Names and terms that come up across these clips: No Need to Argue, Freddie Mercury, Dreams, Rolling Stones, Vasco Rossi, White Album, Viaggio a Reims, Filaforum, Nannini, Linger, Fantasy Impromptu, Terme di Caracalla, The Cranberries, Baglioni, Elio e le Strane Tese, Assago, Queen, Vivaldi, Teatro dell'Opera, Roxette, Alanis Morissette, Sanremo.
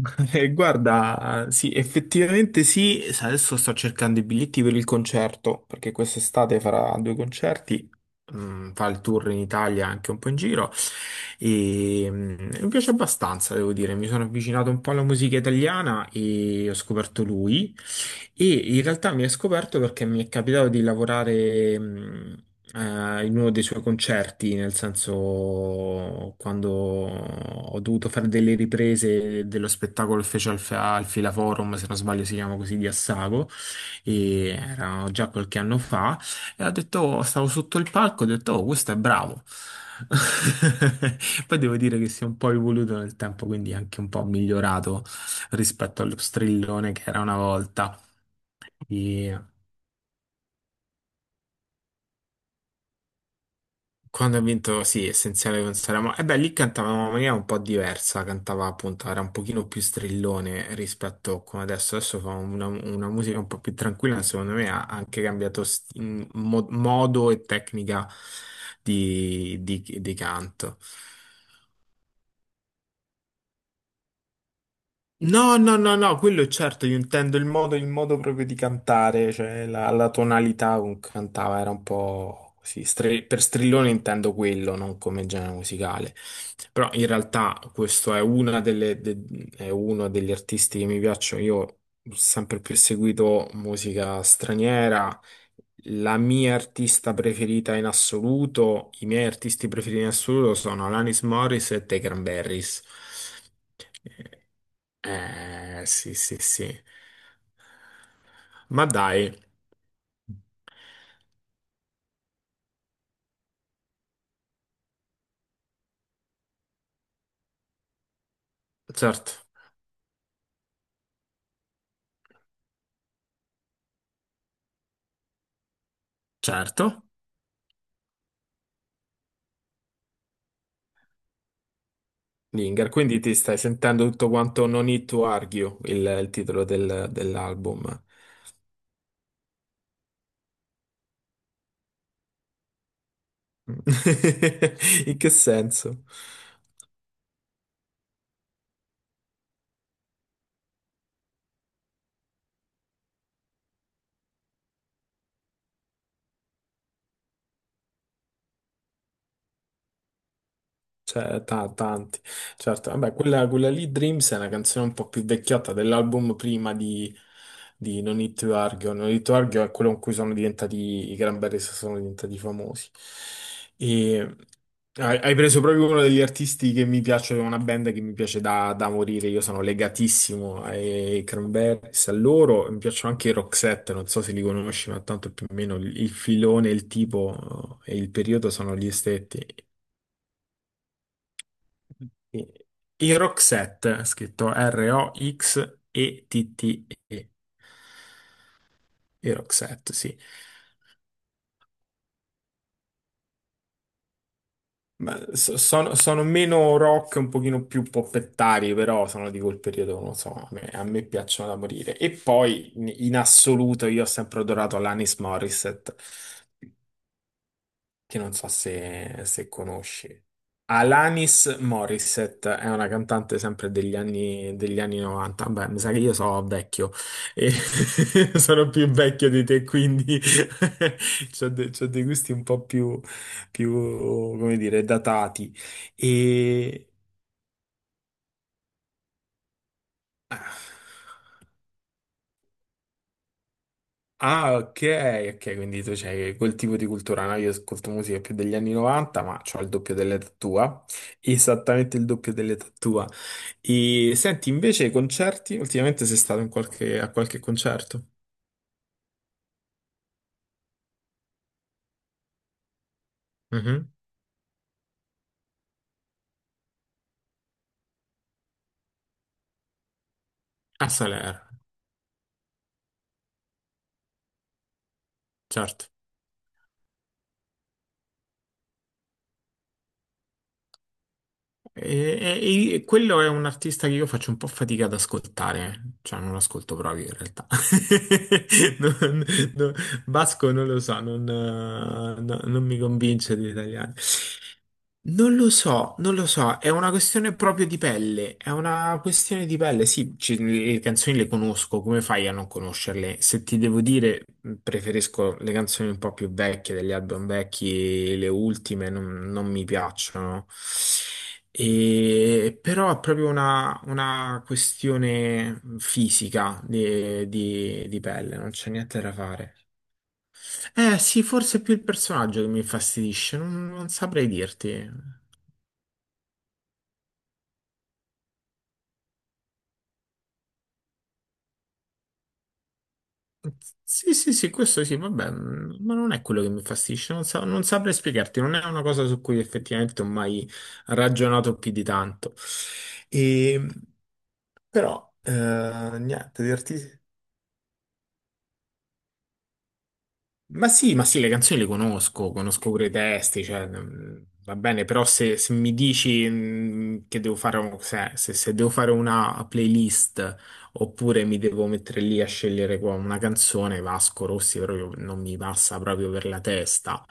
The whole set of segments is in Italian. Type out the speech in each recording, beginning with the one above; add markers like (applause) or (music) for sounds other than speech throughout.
(laughs) Guarda, sì, effettivamente sì, adesso sto cercando i biglietti per il concerto, perché quest'estate farà due concerti, fa il tour in Italia anche un po' in giro e mi piace abbastanza, devo dire, mi sono avvicinato un po' alla musica italiana e ho scoperto lui e in realtà mi è scoperto perché mi è capitato di lavorare in uno dei suoi concerti, nel senso quando ho dovuto fare delle riprese dello spettacolo che fece al Filaforum, se non sbaglio si chiama così, di Assago, e era già qualche anno fa, e ho detto, stavo sotto il palco, ho detto, oh, questo è bravo. (laughs) Poi devo dire che si è un po' evoluto nel tempo, quindi anche un po' migliorato rispetto allo strillone che era una volta. Sì, quando ha vinto, sì, essenziale con Sanremo. E beh, lì cantava in una maniera un po' diversa, cantava appunto, era un pochino più strillone rispetto a come adesso. Adesso fa una musica un po' più tranquilla, secondo me ha anche cambiato modo e tecnica di canto. No, no, no, no, quello è certo, io intendo il modo proprio di cantare, cioè la tonalità con cui cantava era un po' così, per strillone intendo quello, non come genere musicale, però in realtà questo è, è uno degli artisti che mi piacciono, io ho sempre più seguito musica straniera, la mia artista preferita in assoluto, i miei artisti preferiti in assoluto sono Alanis Morris e The Cranberries. Sì, sì, sì. Ma dai, certo, certo. Linger, quindi ti stai sentendo tutto quanto No Need to Argue, il titolo dell'album. (laughs) In che senso? Cioè, tanti, certo. Vabbè, quella lì, Dreams, è una canzone un po' più vecchiotta dell'album prima di No Need to Argue. No Need to Argue è quello con cui sono diventati, i Cranberries sono diventati famosi. E hai, hai preso proprio uno degli artisti che mi piace, una band che mi piace da morire. Io sono legatissimo ai Cranberries, a loro. Mi piacciono anche i Roxette, non so se li conosci, ma tanto più o meno il filone, il tipo e il periodo sono gli stessi. I Roxette, scritto R-O-X-E-T-T-E. I Roxette, sì. Sono, sono meno rock, un pochino più poppettari, però sono di quel periodo, non so, a me piacciono da morire. E poi, in assoluto, io ho sempre adorato l'Anis Morissette. Che non so se conosci. Alanis Morissette è una cantante sempre degli anni 90. Beh, mi sa che io sono vecchio e (laughs) sono più vecchio di te, quindi (laughs) c'ho dei gusti un po' più, più, come dire, datati. E ah, ok, ok, quindi tu c'hai quel tipo di cultura, no? Io ascolto musica più degli anni 90, ma ho il doppio dell'età tua, esattamente il doppio dell'età tua. E senti, invece, i concerti, ultimamente sei stato in a qualche concerto? Mhm. A Salerno, certo. E, e quello è un artista che io faccio un po' fatica ad ascoltare, cioè non ascolto proprio in realtà. (laughs) Non- non- Vasco non lo so, non, non mi convince di italiani. Non lo so, non lo so, è una questione proprio di pelle, è una questione di pelle, sì, le canzoni le conosco, come fai a non conoscerle? Se ti devo dire, preferisco le canzoni un po' più vecchie degli album vecchi, le ultime non, non mi piacciono. Però è proprio una questione fisica di pelle, non c'è niente da fare. Eh sì, forse è più il personaggio che mi infastidisce, non, non saprei dirti. Sì, sì, sì, questo sì, vabbè, ma non è quello che mi infastidisce, non, non saprei spiegarti, non è una cosa su cui effettivamente ho mai ragionato più di tanto. E, però, niente, dirti. Ma sì, le canzoni le conosco, conosco pure i testi, cioè, va bene, però se, se mi dici che devo fare, se, se devo fare una playlist oppure mi devo mettere lì a scegliere qua una canzone, Vasco Rossi proprio non mi passa proprio per la testa.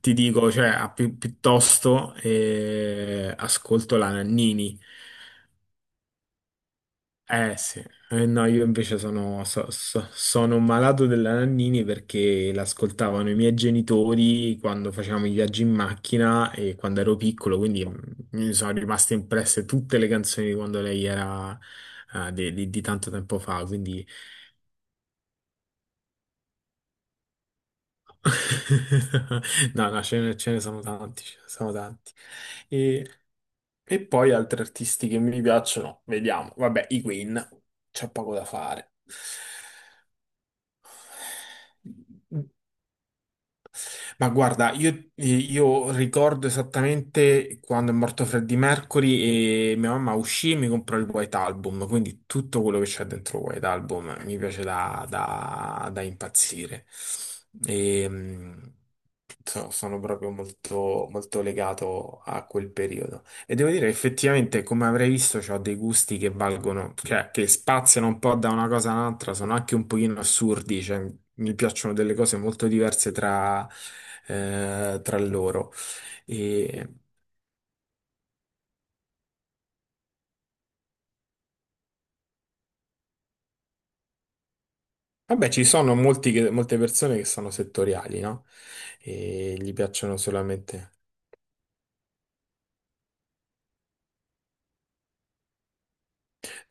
Ti dico, cioè, a piuttosto ascolto la Nannini. Eh sì, eh, no, io invece sono, sono un malato della Nannini perché l'ascoltavano i miei genitori quando facevamo i viaggi in macchina e quando ero piccolo, quindi mi sono rimaste impresse tutte le canzoni di quando lei era di tanto tempo fa, quindi (laughs) no, ce ne sono tanti, ce ne sono tanti. E, e poi altri artisti che mi piacciono, vediamo, vabbè, i Queen, c'è poco da fare. Ma guarda, io ricordo esattamente quando è morto Freddie Mercury e mia mamma uscì e mi comprò il White Album, quindi tutto quello che c'è dentro il White Album mi piace da, da impazzire. E, sono proprio molto, molto legato a quel periodo. E devo dire, effettivamente, come avrei visto, ho dei gusti che valgono, cioè che spaziano un po' da una cosa all'altra, sono anche un pochino assurdi, cioè, mi piacciono delle cose molto diverse tra, tra loro. E, vabbè, ci sono molte persone che sono settoriali, no? E gli piacciono solamente.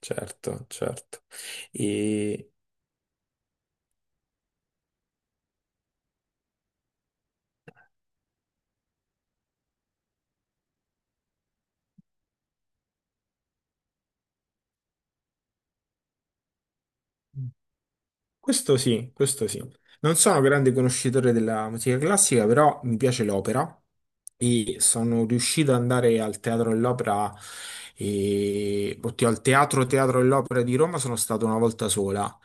Certo, certo. E questo sì, questo sì. Non sono un grande conoscitore della musica classica, però mi piace l'opera e sono riuscito ad andare al Teatro dell'Opera, e... oddio, al Teatro dell'Opera di Roma sono stato una volta sola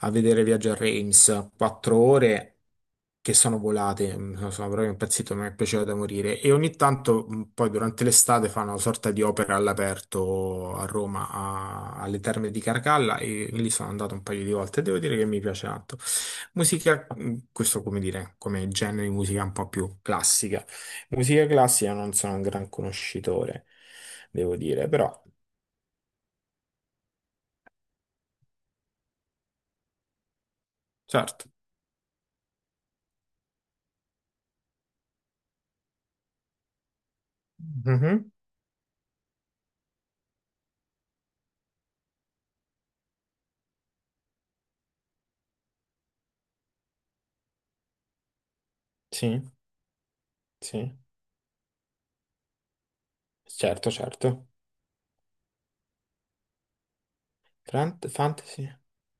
a vedere Viaggio a Reims, quattro ore che sono volate, sono proprio impazzito, mi è piaciuto da morire e ogni tanto poi durante l'estate fanno una sorta di opera all'aperto a Roma, alle Terme di Carcalla e lì sono andato un paio di volte, devo dire che mi piace tanto. Musica, questo come dire, come genere di musica un po' più classica. Musica classica non sono un gran conoscitore, devo dire, però certo. Mhm, sì, sì, certo, certo. Fantasy?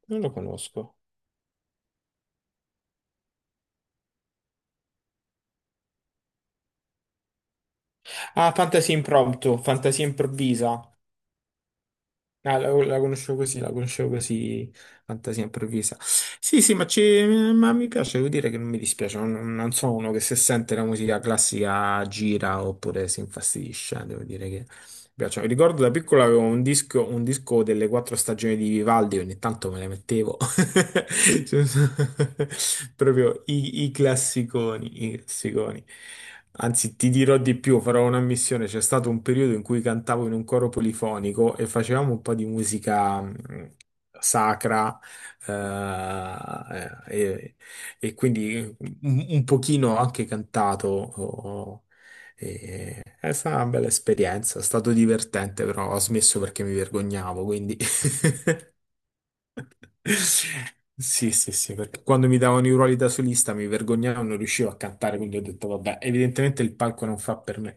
Non lo conosco. Ah, Fantasy Impromptu, Fantasia Improvvisa. Ah, la conoscevo così, fantasia improvvisa. Sì, sì, ma mi piace, devo dire che non mi dispiace, non, non sono uno che se sente la musica classica gira oppure si infastidisce, devo dire mi piacciono. Ricordo da piccolo avevo un disco delle quattro stagioni di Vivaldi, ogni tanto me le mettevo. (laughs) Cioè, so- (laughs) proprio i classiconi, i classiconi. Anzi, ti dirò di più, farò una missione. C'è stato un periodo in cui cantavo in un coro polifonico e facevamo un po' di musica sacra eh, eh, e, e quindi un pochino anche cantato. Oh, oh, e è stata una bella esperienza, è stato divertente, però ho smesso perché mi vergognavo, quindi... (laughs) Sì, sì, sì, perché quando mi davano i ruoli da solista mi vergognavo, non riuscivo a cantare, quindi ho detto, vabbè, evidentemente il palco non fa per me.